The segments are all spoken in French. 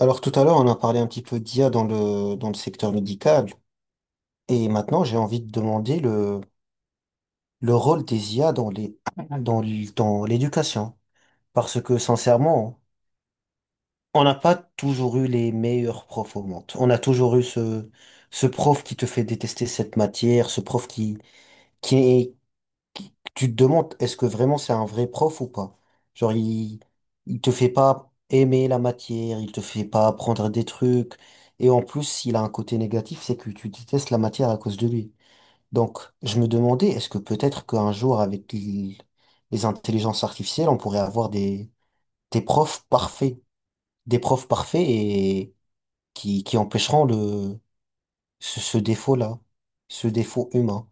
Alors tout à l'heure, on a parlé un petit peu d'IA dans le secteur médical. Et maintenant, j'ai envie de demander le rôle des IA dans l'éducation. Parce que sincèrement, on n'a pas toujours eu les meilleurs profs au monde. On a toujours eu ce prof qui te fait détester cette matière, ce prof, qui, tu te demandes, est-ce que vraiment c'est un vrai prof ou pas? Genre, il te fait pas aimer la matière, il te fait pas apprendre des trucs. Et en plus, il a un côté négatif, c'est que tu détestes la matière à cause de lui. Donc, je me demandais, est-ce que peut-être qu'un jour, avec les intelligences artificielles, on pourrait avoir des profs parfaits, des profs parfaits et qui empêcheront ce défaut-là, ce défaut humain.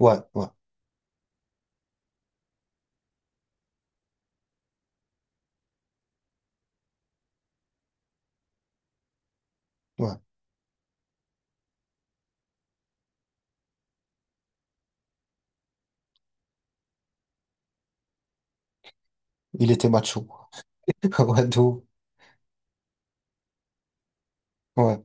Ouais, ouais, ouais. Il était macho. Ouais, de ouf. Ouais.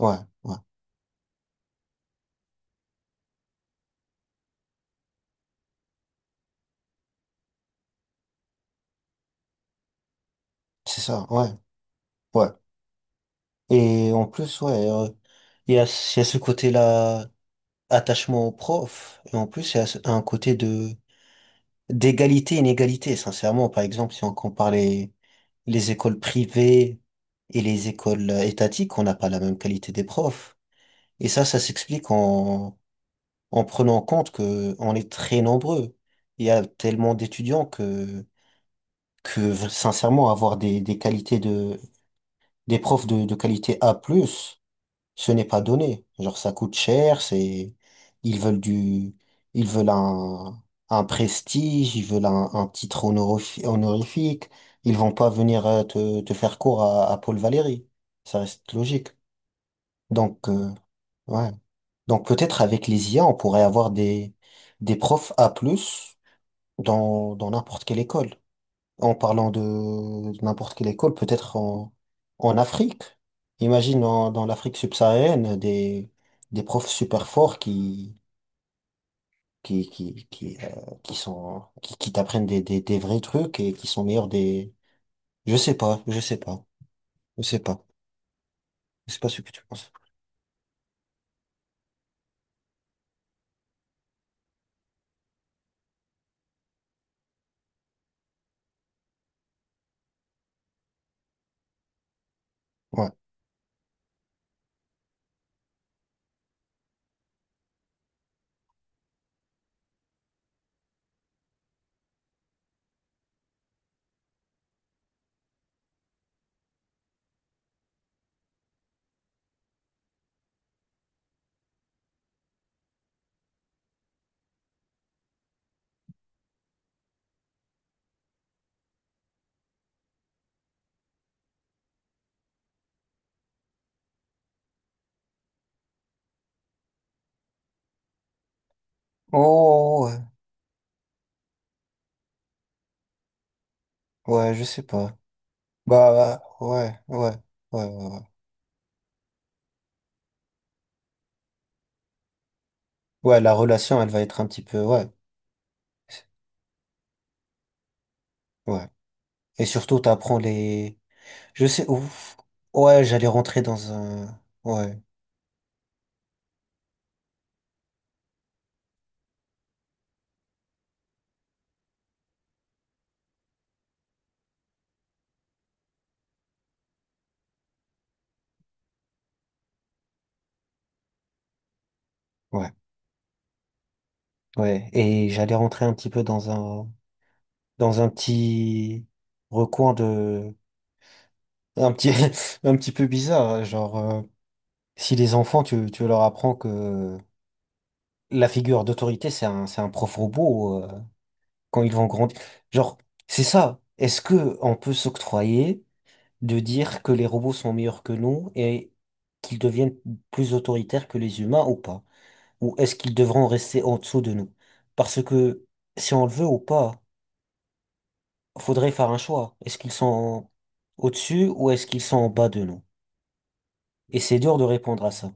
Ouais, ouais, c'est ça, ouais, ouais. Et en plus, ouais, il y a ce côté-là, attachement au prof, et en plus, il y a un côté de d'égalité, inégalité, sincèrement. Par exemple, si on compare les écoles privées et les écoles étatiques, on n'a pas la même qualité des profs. Et ça s'explique en prenant en compte que on est très nombreux. Il y a tellement d'étudiants que sincèrement, avoir des qualités de des profs de qualité A+, plus, ce n'est pas donné. Genre, ça coûte cher, ils veulent du, ils veulent un prestige, ils veulent un titre honorifique. Ils vont pas venir te faire cours à Paul Valéry. Ça reste logique. Donc, ouais. Donc, peut-être avec les IA, on pourrait avoir des profs A+, plus dans n'importe quelle école en parlant de n'importe quelle école, peut-être en Afrique. Imagine dans l'Afrique subsaharienne des profs super forts qui, qui, qui, euh, qui t'apprennent des vrais trucs et qui sont meilleurs des, je sais pas, je sais pas, je sais pas, je sais pas ce que tu penses. Ouais. Oh, ouais, ouais, je sais pas. Bah, ouais, ouais, ouais, ouais, ouais. Ouais, la relation, elle va être un petit peu, ouais, ouais. Et surtout, t'apprends les. Je sais, ouf. Ouais, j'allais rentrer dans un. Ouais, ouais, ouais, et j'allais rentrer un petit peu dans un petit recoin de, un petit, un petit peu bizarre, hein. Genre, si les enfants, tu leur apprends que la figure d'autorité, c'est un prof robot, quand ils vont grandir. Genre, c'est ça. Est-ce que on peut s'octroyer de dire que les robots sont meilleurs que nous et qu'ils deviennent plus autoritaires que les humains ou pas? Ou est-ce qu'ils devront rester en dessous de nous? Parce que si on le veut ou pas, faudrait faire un choix. Est-ce qu'ils sont au-dessus ou est-ce qu'ils sont en bas de nous? Et c'est dur de répondre à ça.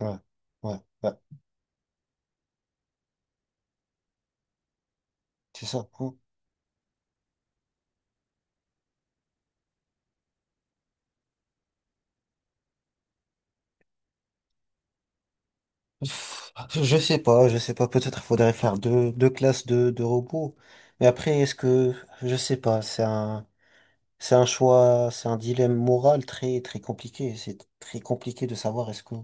Ouais, ouais, ouais, c'est ça. Hmm. Pff, Je sais pas, peut-être faudrait faire deux classes de robots. Mais après, je sais pas, c'est un choix, c'est un dilemme moral très, très compliqué. C'est très compliqué de savoir est-ce que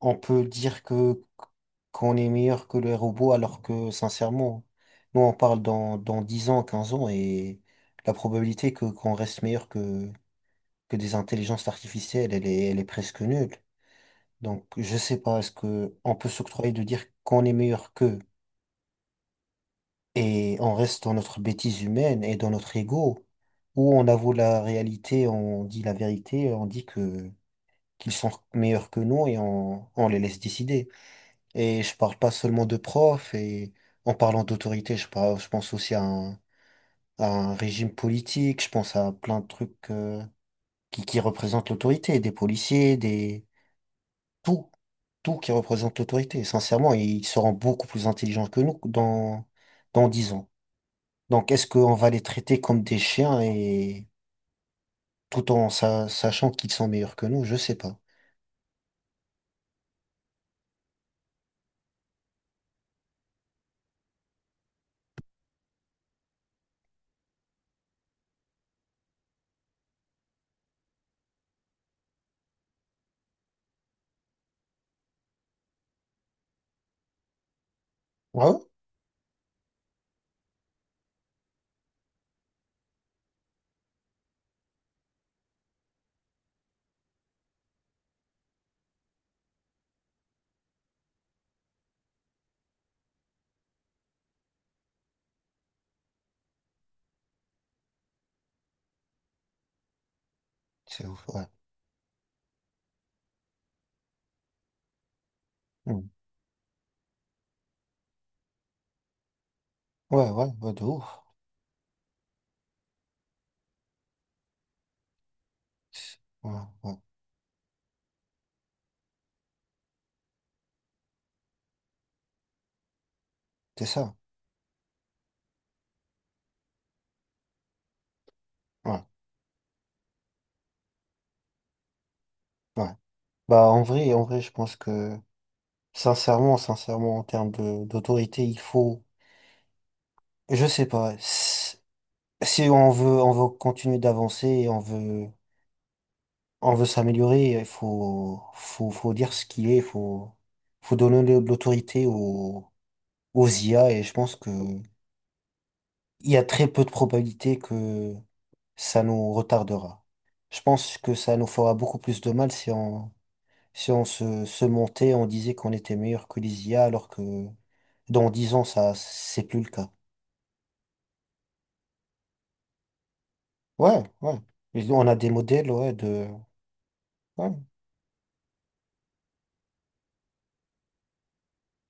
on peut dire que qu'on est meilleur que les robots alors que sincèrement, nous on parle dans 10 ans, 15 ans et la probabilité que qu'on reste meilleur que des intelligences artificielles, elle est presque nulle. Donc je sais pas, est-ce que on peut s'octroyer de dire qu'on est meilleur qu'eux et on reste dans notre bêtise humaine et dans notre ego, ou on avoue la réalité, on dit la vérité, on dit que qu'ils sont meilleurs que nous et on les laisse décider. Et je parle pas seulement de profs, et en parlant d'autorité, je pense aussi à un régime politique, je pense à plein de trucs qui représentent l'autorité, des policiers, des. Tout, tout qui représente l'autorité. Sincèrement, ils seront beaucoup plus intelligents que nous dans 10 ans. Donc est-ce qu'on va les traiter comme des chiens et tout en sachant qu'ils sont meilleurs que nous? Je sais pas. Ouais, ouais, c'est ouf, ouais. Mm. Ouais, ouais, ouais, de ouf. Ouais, ouais, c'est ça. Ouais, ouais. Bah, en vrai, je pense que, sincèrement, sincèrement, en termes d'autorité, il faut, je sais pas, si on veut continuer d'avancer et on veut s'améliorer, il faut, dire ce qu'il est, il faut, donner de l'autorité aux IA et je pense que il y a très peu de probabilités que ça nous retardera. Je pense que ça nous fera beaucoup plus de mal si on, si on se montait, on disait qu'on était meilleur que les IA alors que dans 10 ans, ça, c'est plus le cas. Ouais, ouais. Mais on a des modèles, ouais, de. Ouais,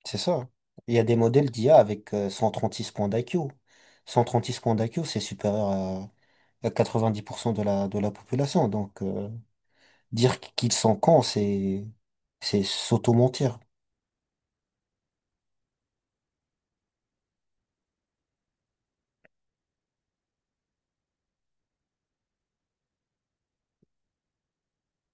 c'est ça. Il y a des modèles d'IA avec 136 points d'IQ. 136 points d'IQ, c'est supérieur à 90% de la population. Donc, dire qu'ils sont cons, c'est s'auto-mentir.